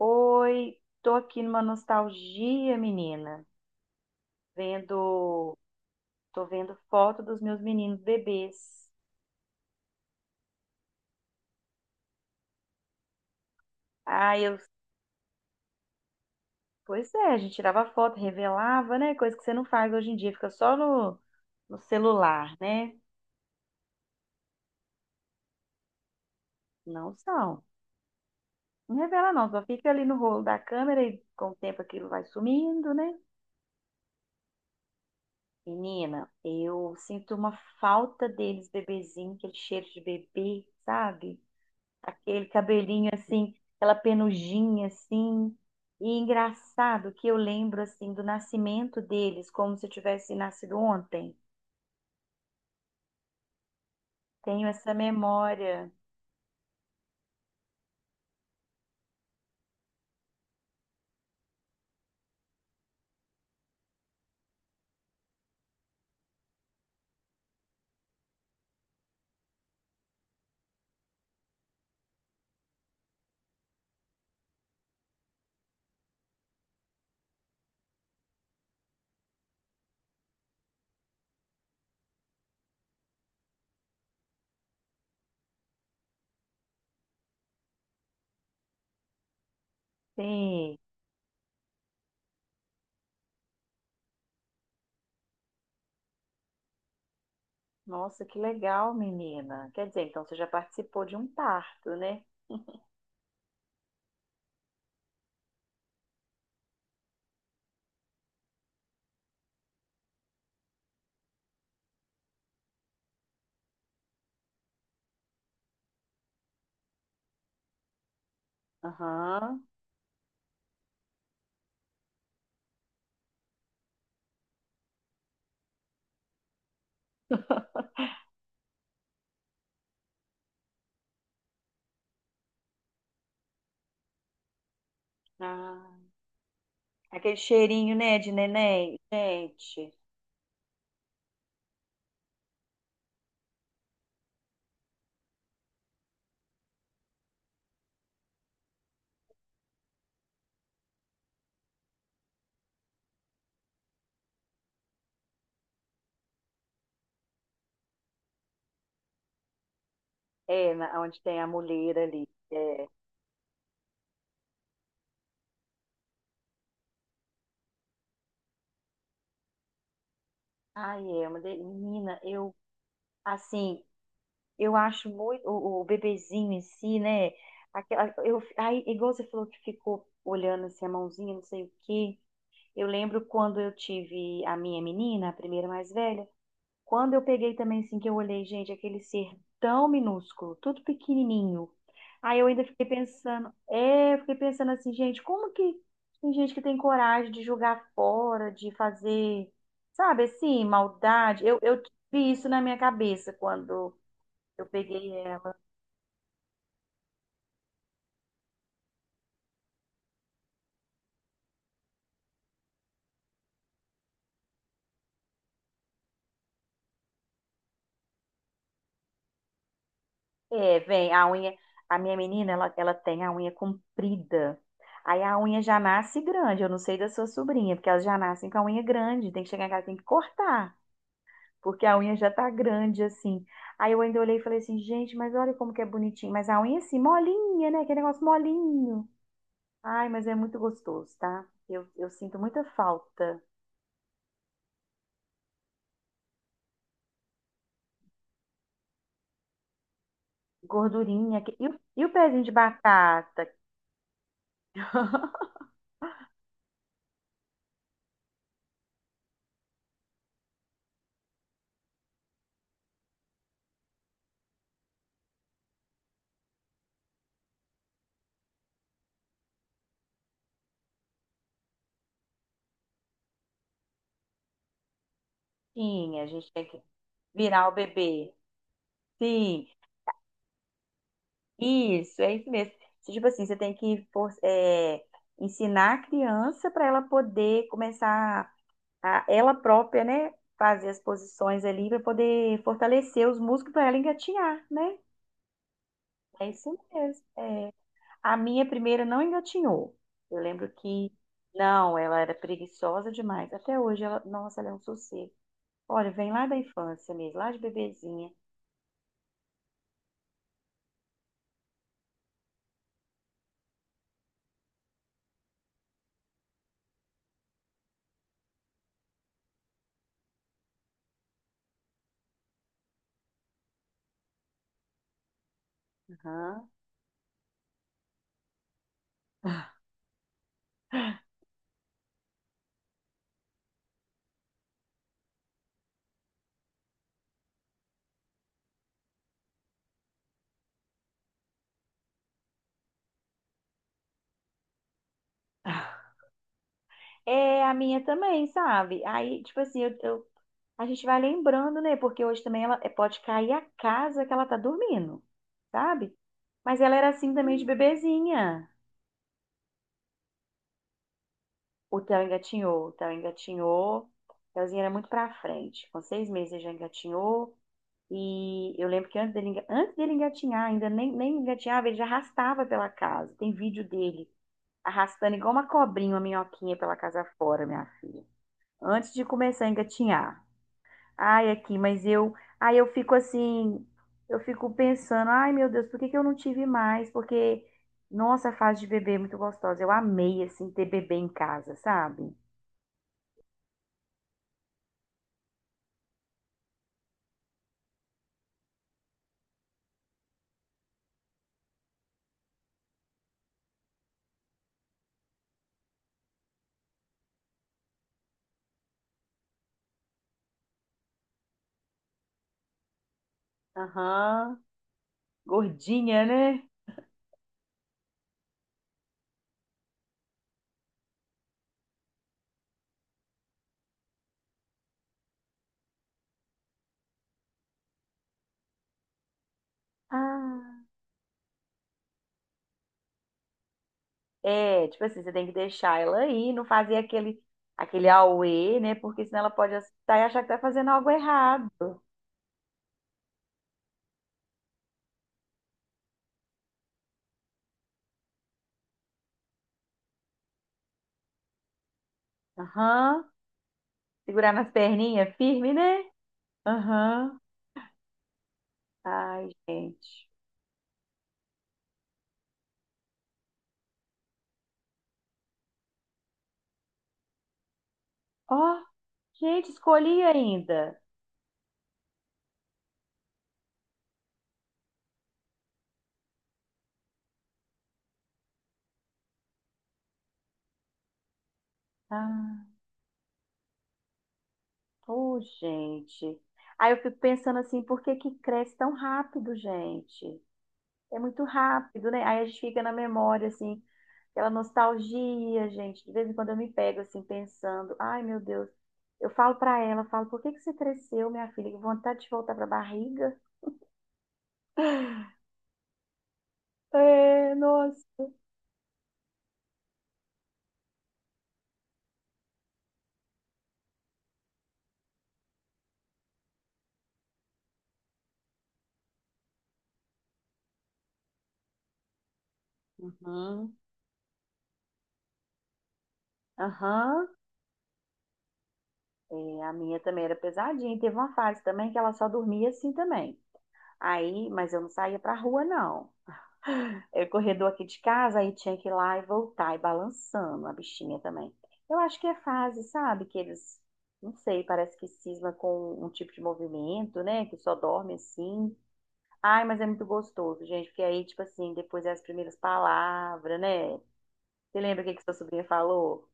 Oi, tô aqui numa nostalgia, menina. Vendo, tô vendo foto dos meus meninos bebês. Ah, eu, pois é, a gente tirava foto, revelava, né? Coisa que você não faz hoje em dia, fica só no celular, né? Não são. Não revela não, só fica ali no rolo da câmera e com o tempo aquilo vai sumindo, né? Menina, eu sinto uma falta deles, bebezinho, aquele cheiro de bebê, sabe? Aquele cabelinho assim, aquela penugem assim. E engraçado que eu lembro assim do nascimento deles, como se eu tivesse nascido ontem. Tenho essa memória. Sim. Nossa, que legal, menina. Quer dizer, então você já participou de um parto, né? Aham. Ah, aquele cheirinho, né, de neném. Gente, é, onde tem a mulher ali. É. Ai, é uma Menina, assim, eu acho muito o bebezinho em si, né? Igual você falou que ficou olhando assim, a mãozinha, não sei o quê. Eu lembro quando eu tive a minha menina, a primeira mais velha, quando eu peguei também assim, que eu olhei, gente, aquele ser tão minúsculo, tudo pequenininho. Aí eu ainda fiquei pensando, eu fiquei pensando assim, gente, como que tem gente que tem coragem de jogar fora, de fazer, sabe, assim, maldade? Eu vi isso na minha cabeça quando eu peguei. É, vem, a unha, a minha menina, ela tem a unha comprida. Aí a unha já nasce grande, eu não sei da sua sobrinha, porque elas já nascem com a unha grande, tem que chegar em casa, tem que cortar, porque a unha já tá grande assim. Aí eu ainda olhei e falei assim, gente, mas olha como que é bonitinho, mas a unha assim, molinha, né? Aquele negócio molinho. Ai, mas é muito gostoso, tá? Eu sinto muita falta. Gordurinha. E e o pezinho de batata? Tinha, a gente tem que virar o bebê. Sim. Isso, é isso mesmo. Então, tipo assim, você tem que ensinar a criança para ela poder começar a ela própria, né? Fazer as posições ali para poder fortalecer os músculos para ela engatinhar, né? É isso mesmo. A minha primeira não engatinhou. Eu lembro que, não, ela era preguiçosa demais. Até hoje, ela, nossa, ela é um sossego. Olha, vem lá da infância mesmo, lá de bebezinha. Aham. É a minha também, sabe? Aí, tipo assim, eu a gente vai lembrando, né? Porque hoje também ela pode cair a casa que ela tá dormindo, sabe? Mas ela era assim também de bebezinha. O Theo engatinhou, o Theo engatinhou. O Theozinho era muito pra frente. Com seis meses ele já engatinhou. E eu lembro que antes antes dele engatinhar, ainda nem engatinhava, ele já arrastava pela casa. Tem vídeo dele arrastando igual uma cobrinha, uma minhoquinha pela casa fora, minha filha. Antes de começar a engatinhar. Ai, aqui, eu fico assim, eu fico pensando, ai meu Deus, por que que eu não tive mais? Porque, nossa, a fase de bebê é muito gostosa. Eu amei, assim, ter bebê em casa, sabe? Aham. Gordinha, né? Ah, é, tipo assim, você tem que deixar ela aí, não fazer aquele auê, né? Porque senão ela pode assustar e achar que tá fazendo algo errado. Aham. Segurar nas perninhas firme, né? Aham. Ai, gente. Ó. Gente, escolhi ainda. Ah, ô, gente. Aí eu fico pensando assim, por que que cresce tão rápido, gente? É muito rápido, né? Aí a gente fica na memória, assim, aquela nostalgia, gente. De vez em quando eu me pego, assim, pensando, ai, meu Deus. Eu falo pra ela, falo, por que que você cresceu, minha filha? Que vontade de voltar pra barriga. É, nossa. Uhum, aham. É, a minha também era pesadinha. Teve uma fase também que ela só dormia assim também. Aí, mas eu não saía pra rua, não. É corredor aqui de casa, aí tinha que ir lá e voltar, e balançando a bichinha também. Eu acho que é fase, sabe? Que eles, não sei, parece que cisma com um tipo de movimento, né? Que só dorme assim. Ai, mas é muito gostoso, gente, porque aí, tipo assim, depois é as primeiras palavras, né? Você lembra o que que sua sobrinha falou?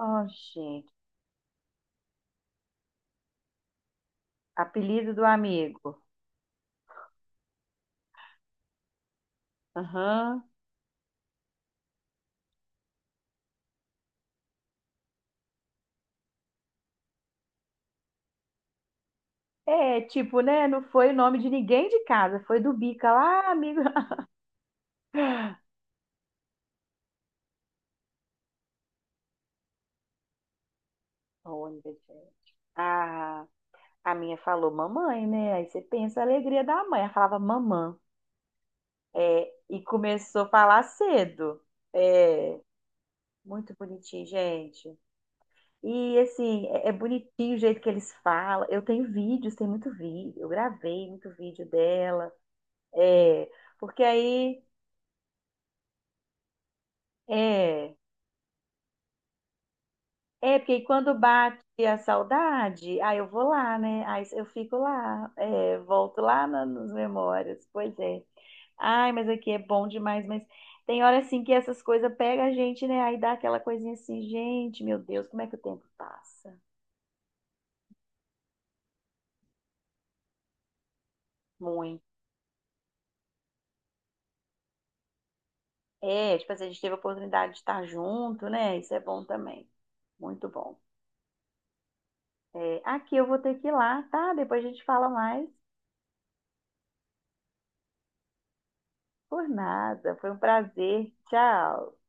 Oh, gente, apelido do amigo. Aham. É, tipo, né? Não foi o nome de ninguém de casa, foi do Bica lá, amigo. Olha, gente. A, a minha falou mamãe, né? Aí você pensa a alegria da mãe. Ela falava mamã. É, e começou a falar cedo. É, muito bonitinho, gente. E assim, é bonitinho o jeito que eles falam. Eu tenho vídeos, tem muito vídeo. Eu gravei muito vídeo dela. É, porque aí. É, porque aí quando bate a saudade, aí eu vou lá, né? Aí eu fico lá, é, volto lá nas memórias. Pois é. Ai, mas aqui é bom demais, mas tem hora assim que essas coisas pegam a gente, né? Aí dá aquela coisinha assim, gente, meu Deus, como é que o tempo passa? Muito. É, tipo assim, a gente teve a oportunidade de estar junto, né? Isso é bom também. Muito bom. É, aqui eu vou ter que ir lá, tá? Depois a gente fala mais. Por nada. Foi um prazer. Tchau.